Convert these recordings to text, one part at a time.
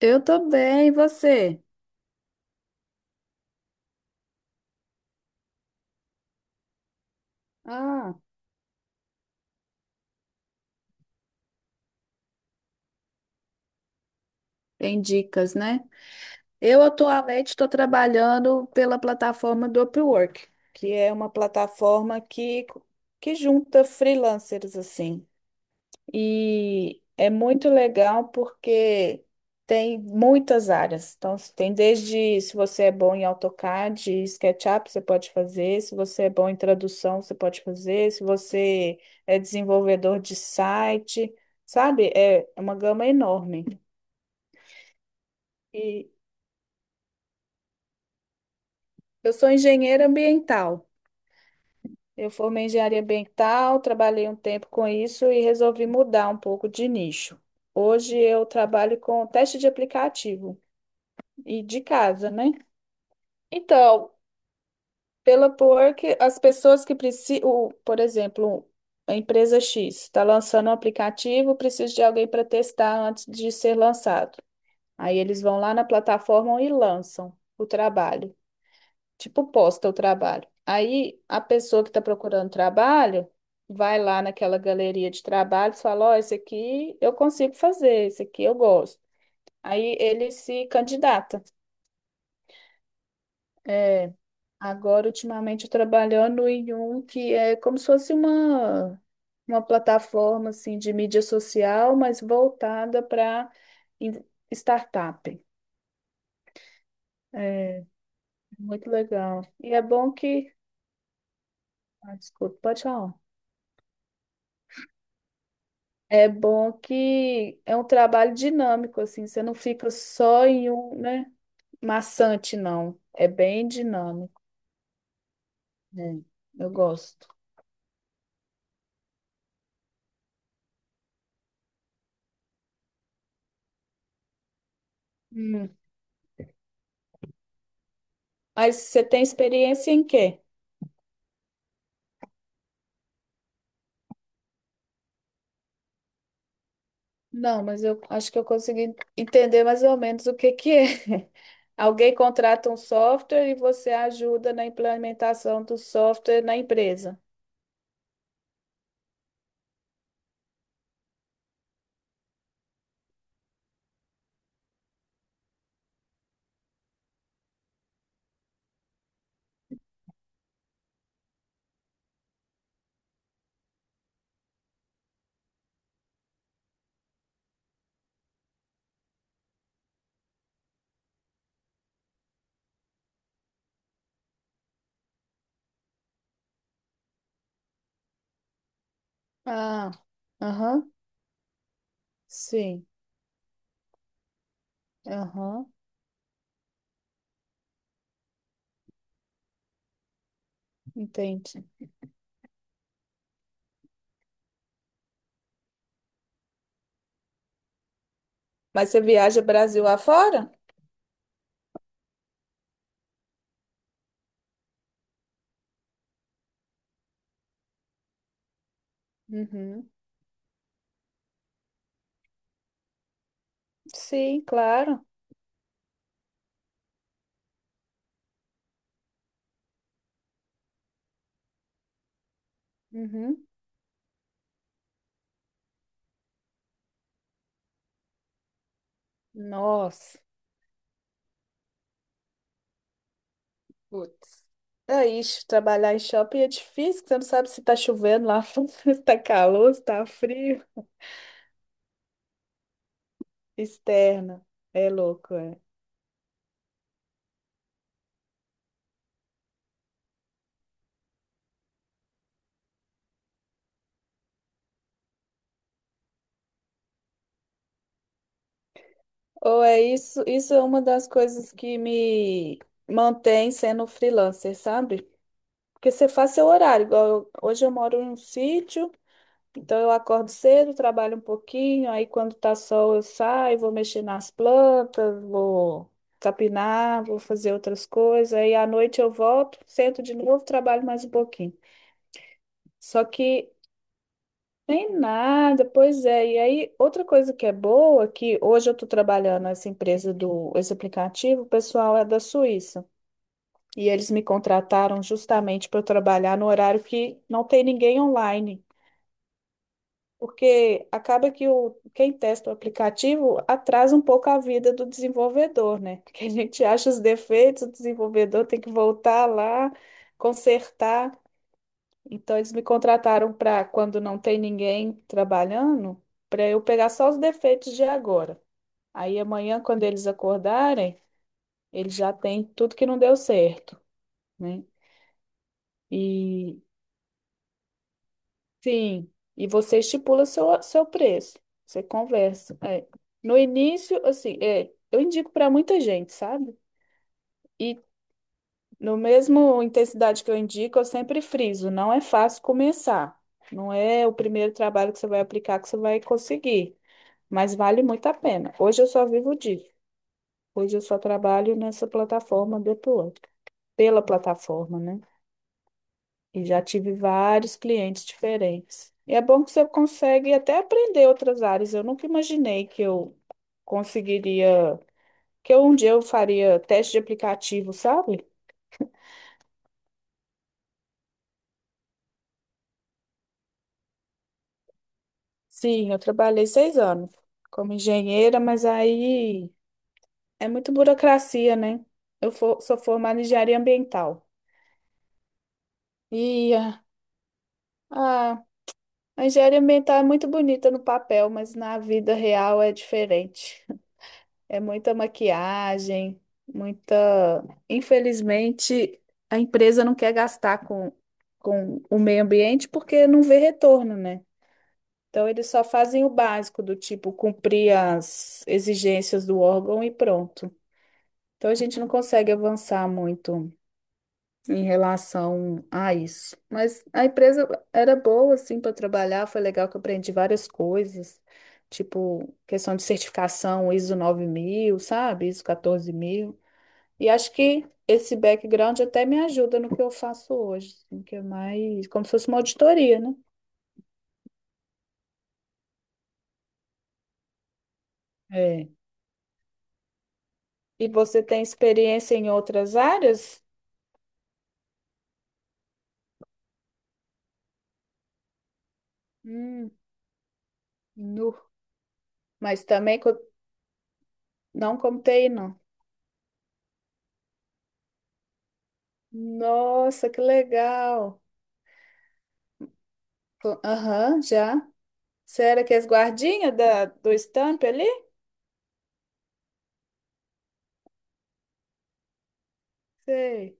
Eu tô bem, e você? Ah. Tem dicas, né? Eu atualmente estou trabalhando pela plataforma do Upwork, que é uma plataforma que junta freelancers assim. E é muito legal porque tem muitas áreas. Então, se tem desde se você é bom em AutoCAD e SketchUp, você pode fazer. Se você é bom em tradução, você pode fazer. Se você é desenvolvedor de site, sabe? É uma gama enorme. E eu sou engenheira ambiental. Eu formei em engenharia ambiental, trabalhei um tempo com isso e resolvi mudar um pouco de nicho. Hoje eu trabalho com teste de aplicativo. E de casa, né? Então, pela porque as pessoas que precisam, por exemplo, a empresa X está lançando um aplicativo, precisa de alguém para testar antes de ser lançado. Aí eles vão lá na plataforma e lançam o trabalho, tipo posta o trabalho. Aí a pessoa que está procurando trabalho vai lá naquela galeria de trabalhos e fala: Ó, esse aqui eu consigo fazer, esse aqui eu gosto. Aí ele se candidata. É, agora ultimamente eu trabalhando em um que é como se fosse uma plataforma assim de mídia social, mas voltada para startup. É muito legal. E é bom que. Ah, desculpa, pode falar. É bom que é um trabalho dinâmico, assim, você não fica só em um, né, maçante, não. É bem dinâmico. É, eu gosto. Hum. Mas você tem experiência em quê? Não, mas eu acho que eu consegui entender mais ou menos o que que é. Alguém contrata um software e você ajuda na implementação do software na empresa. Ah, aham, sim, aham, entendi. Mas você viaja Brasil afora? Uhum, sim, claro. Uhum. Nossa. Putz. É isso, trabalhar em shopping é difícil, que você não sabe se tá chovendo lá fora, se tá calor, se tá frio. Externa, é louco, é. Ou é isso, isso é uma das coisas que me mantém sendo freelancer, sabe? Porque você faz seu horário, igual hoje eu moro em um sítio, então eu acordo cedo, trabalho um pouquinho, aí quando tá sol eu saio, vou mexer nas plantas, vou capinar, vou fazer outras coisas, aí à noite eu volto, sento de novo, trabalho mais um pouquinho. Só que tem nada, pois é. E aí, outra coisa que é boa, é que hoje eu estou trabalhando essa empresa esse aplicativo, o pessoal é da Suíça. E eles me contrataram justamente para eu trabalhar no horário que não tem ninguém online. Porque acaba que quem testa o aplicativo atrasa um pouco a vida do desenvolvedor, né? Porque a gente acha os defeitos, o desenvolvedor tem que voltar lá, consertar. Então eles me contrataram para quando não tem ninguém trabalhando, para eu pegar só os defeitos de agora. Aí amanhã, quando eles acordarem, eles já têm tudo que não deu certo, né? E sim, e você estipula seu preço, você conversa. É. No início, assim, é, eu indico para muita gente, sabe? E no mesmo intensidade que eu indico, eu sempre friso, não é fácil começar. Não é o primeiro trabalho que você vai aplicar que você vai conseguir. Mas vale muito a pena. Hoje eu só vivo disso. Hoje eu só trabalho nessa plataforma do Upwork, pela plataforma, né? E já tive vários clientes diferentes. E é bom que você consegue até aprender outras áreas. Eu nunca imaginei que eu conseguiria, que eu, um dia eu faria teste de aplicativo, sabe? Sim, eu trabalhei 6 anos como engenheira, mas aí é muito burocracia, né? Eu sou formada em engenharia ambiental. E ah, A engenharia ambiental é muito bonita no papel, mas na vida real é diferente. É muita maquiagem, muita. Infelizmente, a empresa não quer gastar com o meio ambiente porque não vê retorno, né? Então, eles só fazem o básico, do tipo cumprir as exigências do órgão e pronto. Então, a gente não consegue avançar muito em relação a isso. Mas a empresa era boa, assim, para trabalhar, foi legal que eu aprendi várias coisas, tipo questão de certificação ISO 9000, sabe? ISO 14000. E acho que esse background até me ajuda no que eu faço hoje, assim, que é mais como se fosse uma auditoria, né? É. E você tem experiência em outras áreas? Hum, nu. Mas também não contei, não. Nossa, que legal! Aham, já. Você era que as guardinhas da, do estampo ali? Sei.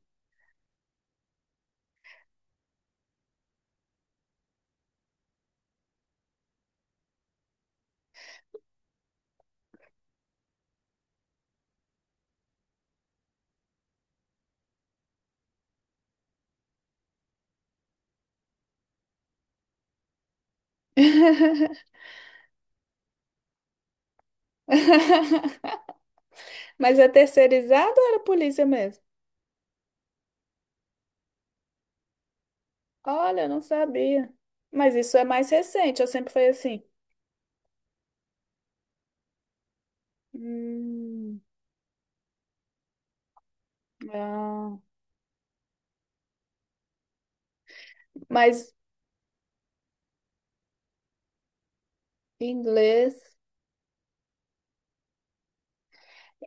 Mas é terceirizado ou era polícia mesmo? Olha, eu não sabia. Mas isso é mais recente, eu sempre fui assim. Hum, ah, mas inglês.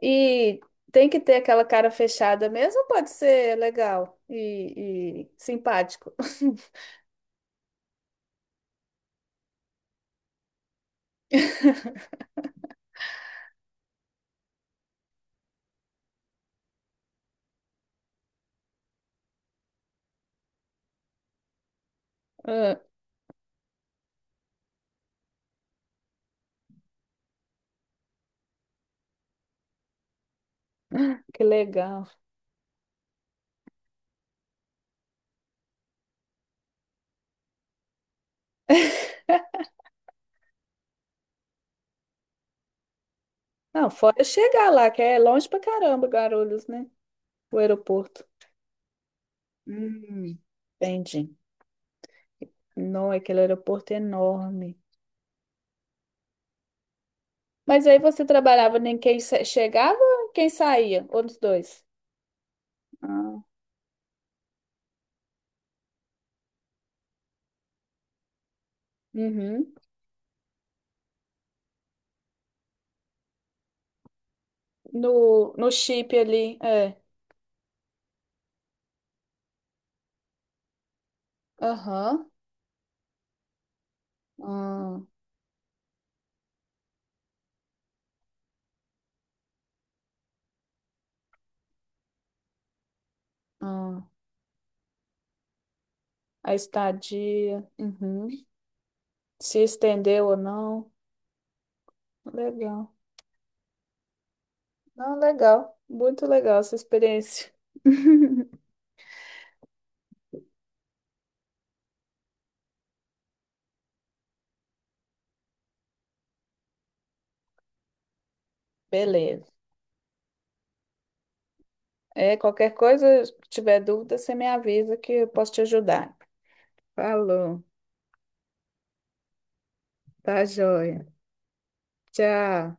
E tem que ter aquela cara fechada mesmo, ou pode ser legal e simpático. Ah, que legal. Não, fora chegar lá, que é longe pra caramba, Guarulhos, né? O aeroporto. Hum, entendi. Não, aquele aeroporto é enorme. Mas aí você trabalhava nem quem chegava, ou quem saía, ou dos dois? Ah, uhum. No chip ali, é. Aham. Ah, ah. A estadia, uhum. Se estendeu ou não. Legal. Não, legal. Muito legal essa experiência. Beleza. É, qualquer coisa, se tiver dúvida, você me avisa que eu posso te ajudar. Falou. Tá joia. Tchau.